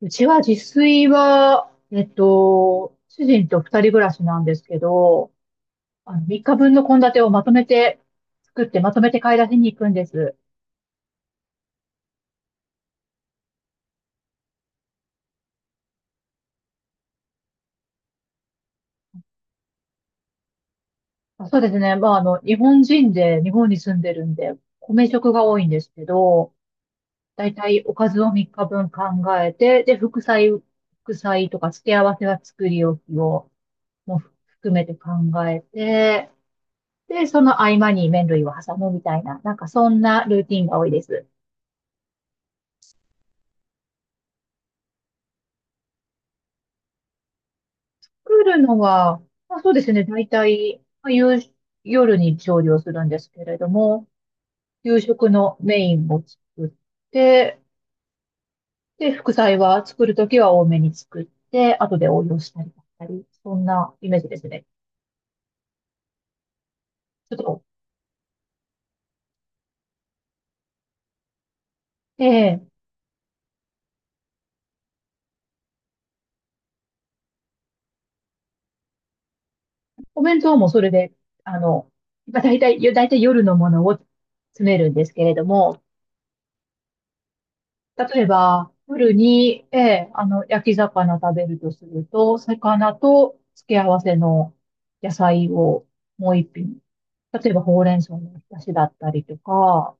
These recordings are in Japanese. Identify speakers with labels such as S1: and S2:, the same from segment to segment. S1: うちは自炊は、主人と二人暮らしなんですけど、三日分の献立をまとめて作って、まとめて買い出しに行くんです。あ、そうですね。まあ、日本人で、日本に住んでるんで、米食が多いんですけど、だいたいおかずを三日分考えて、で、副菜とか付け合わせは作り置きを、もう含めて考えて、で、その合間に麺類を挟むみたいな、なんかそんなルーティンが多いです。作るのは、まあ、そうですね。大体、まあ、夜に調理をするんですけれども、夕食のメインを作って、で、副菜は作るときは多めに作って、後で応用したりだったり、そんなイメージですね。ちょっと、ええお弁当もそれで、あの、まあ、大体夜のものを詰めるんですけれども、例えば、夜に、焼き魚食べるとすると、魚と付け合わせの野菜をもう一品。例えば、ほうれん草のおひたしだったりとか、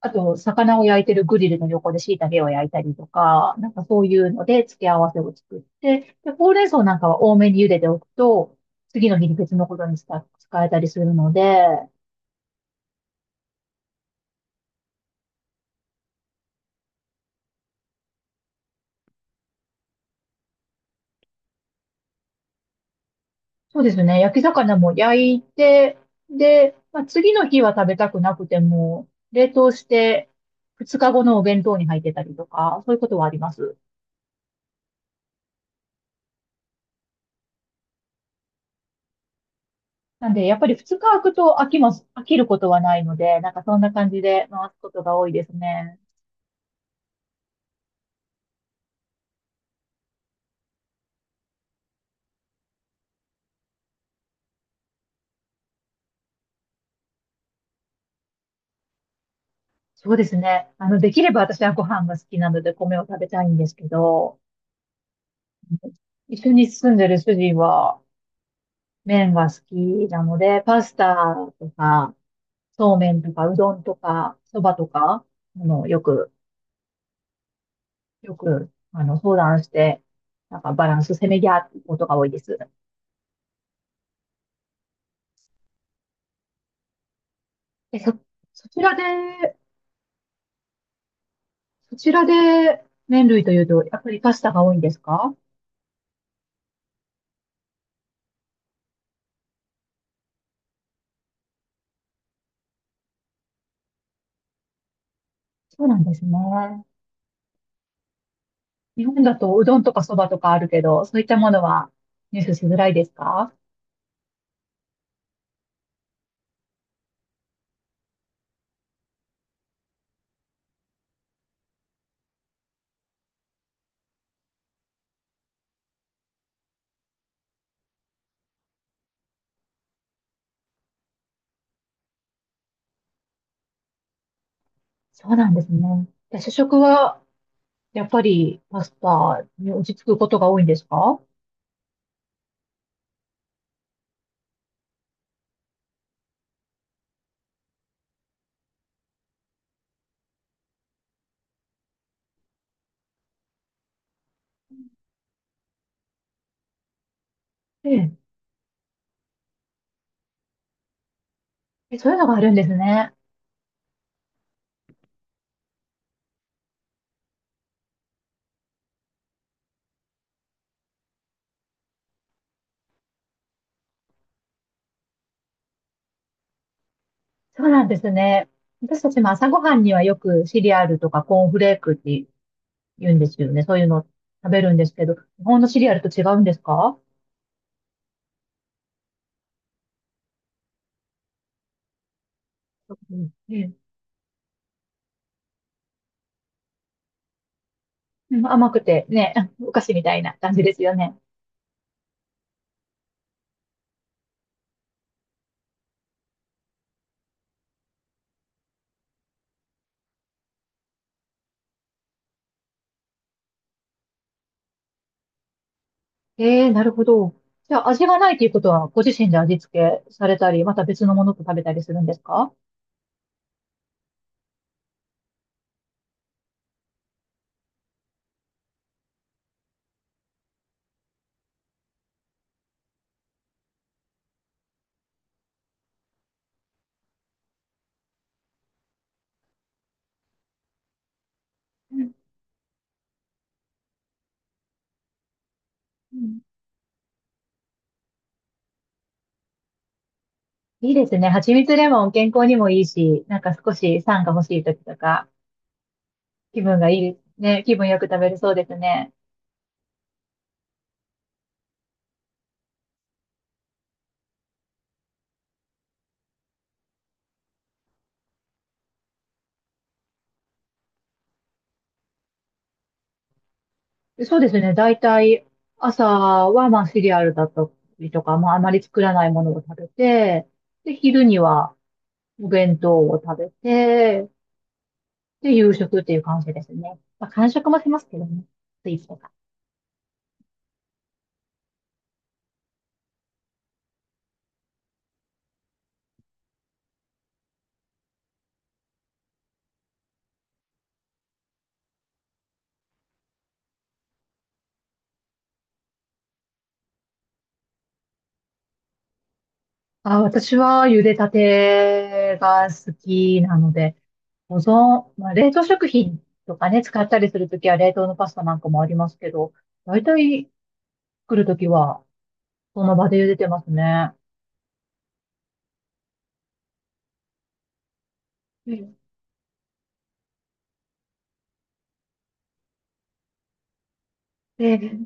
S1: あと、魚を焼いてるグリルの横で椎茸を焼いたりとか、なんかそういうので付け合わせを作って、で、ほうれん草なんかは多めに茹でておくと、次の日に別のことに使えたりするので、そうですね。焼き魚も焼いて、で、まあ、次の日は食べたくなくても、冷凍して、2日後のお弁当に入ってたりとか、そういうことはあります。なんで、やっぱり2日空くと飽きることはないので、なんかそんな感じで回すことが多いですね。そうですね。できれば私はご飯が好きなので米を食べたいんですけど、うん一緒に住んでる主人は麺が好きなので、パスタとか、そうめんとか、うどんとか、そばとか、あの、よく、よく、相談して、なんかバランスせめぎ合うことが多いです。え、そ、そちらで、そちらで麺類というと、やっぱりパスタが多いんですか？そうなんですね。日本だとうどんとかそばとかあるけど、そういったものは入手しづらいですか？そうなんですね。で主食は、やっぱりパスタに落ち着くことが多いんですか？ええ。え、そういうのがあるんですね。そうなんですね。私たちも朝ごはんにはよくシリアルとかコーンフレークって言うんですよね。そういうの食べるんですけど、日本のシリアルと違うんですか？うん、ええ。甘くてね、お菓子みたいな感じですよね。ええ、なるほど。じゃあ味がないということは、ご自身で味付けされたり、また別のものと食べたりするんですか？うん、うん。いいですね。蜂蜜レモン健康にもいいし、なんか少し酸が欲しい時とか、気分がいい、ね、気分よく食べれそうですね。そうですね。だいたい朝はまあシリアルだったりとか、まああまり作らないものを食べて、で、昼にはお弁当を食べて、で、夕食っていう感じですね。まあ、間食もしますけどね。スイーツとか。あ、私は茹でたてが好きなので、保存、まあ、冷凍食品とかね、使ったりするときは冷凍のパスタなんかもありますけど、だいたい作るときはその場で茹でてますね。うん、で、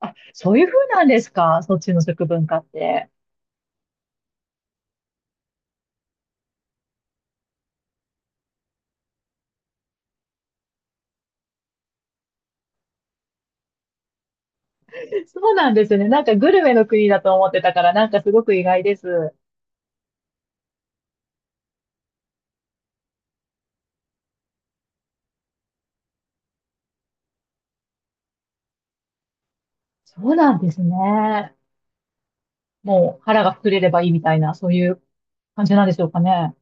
S1: あ、そういう風なんですか？そっちの食文化って。そうなんですね。なんかグルメの国だと思ってたから、なんかすごく意外です。そうなんですね。もう腹が膨れればいいみたいな、そういう感じなんでしょうかね。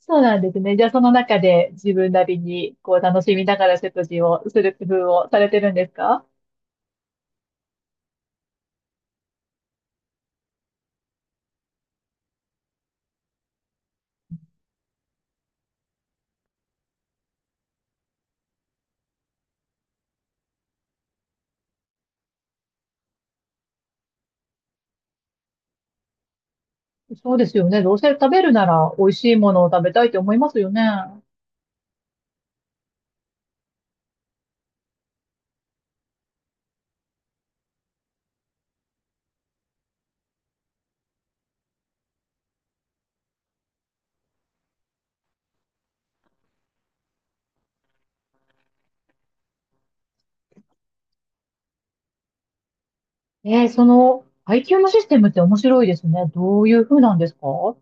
S1: そうなんですね。じゃあその中で自分なりにこう楽しみながら食事をする工夫をされてるんですか？そうですよね。どうせ食べるなら美味しいものを食べたいと思いますよね。えー、その配給のシステムって面白いですね。どういう風なんですか？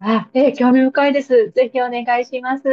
S1: あ、興味深いです。ぜひお願いします。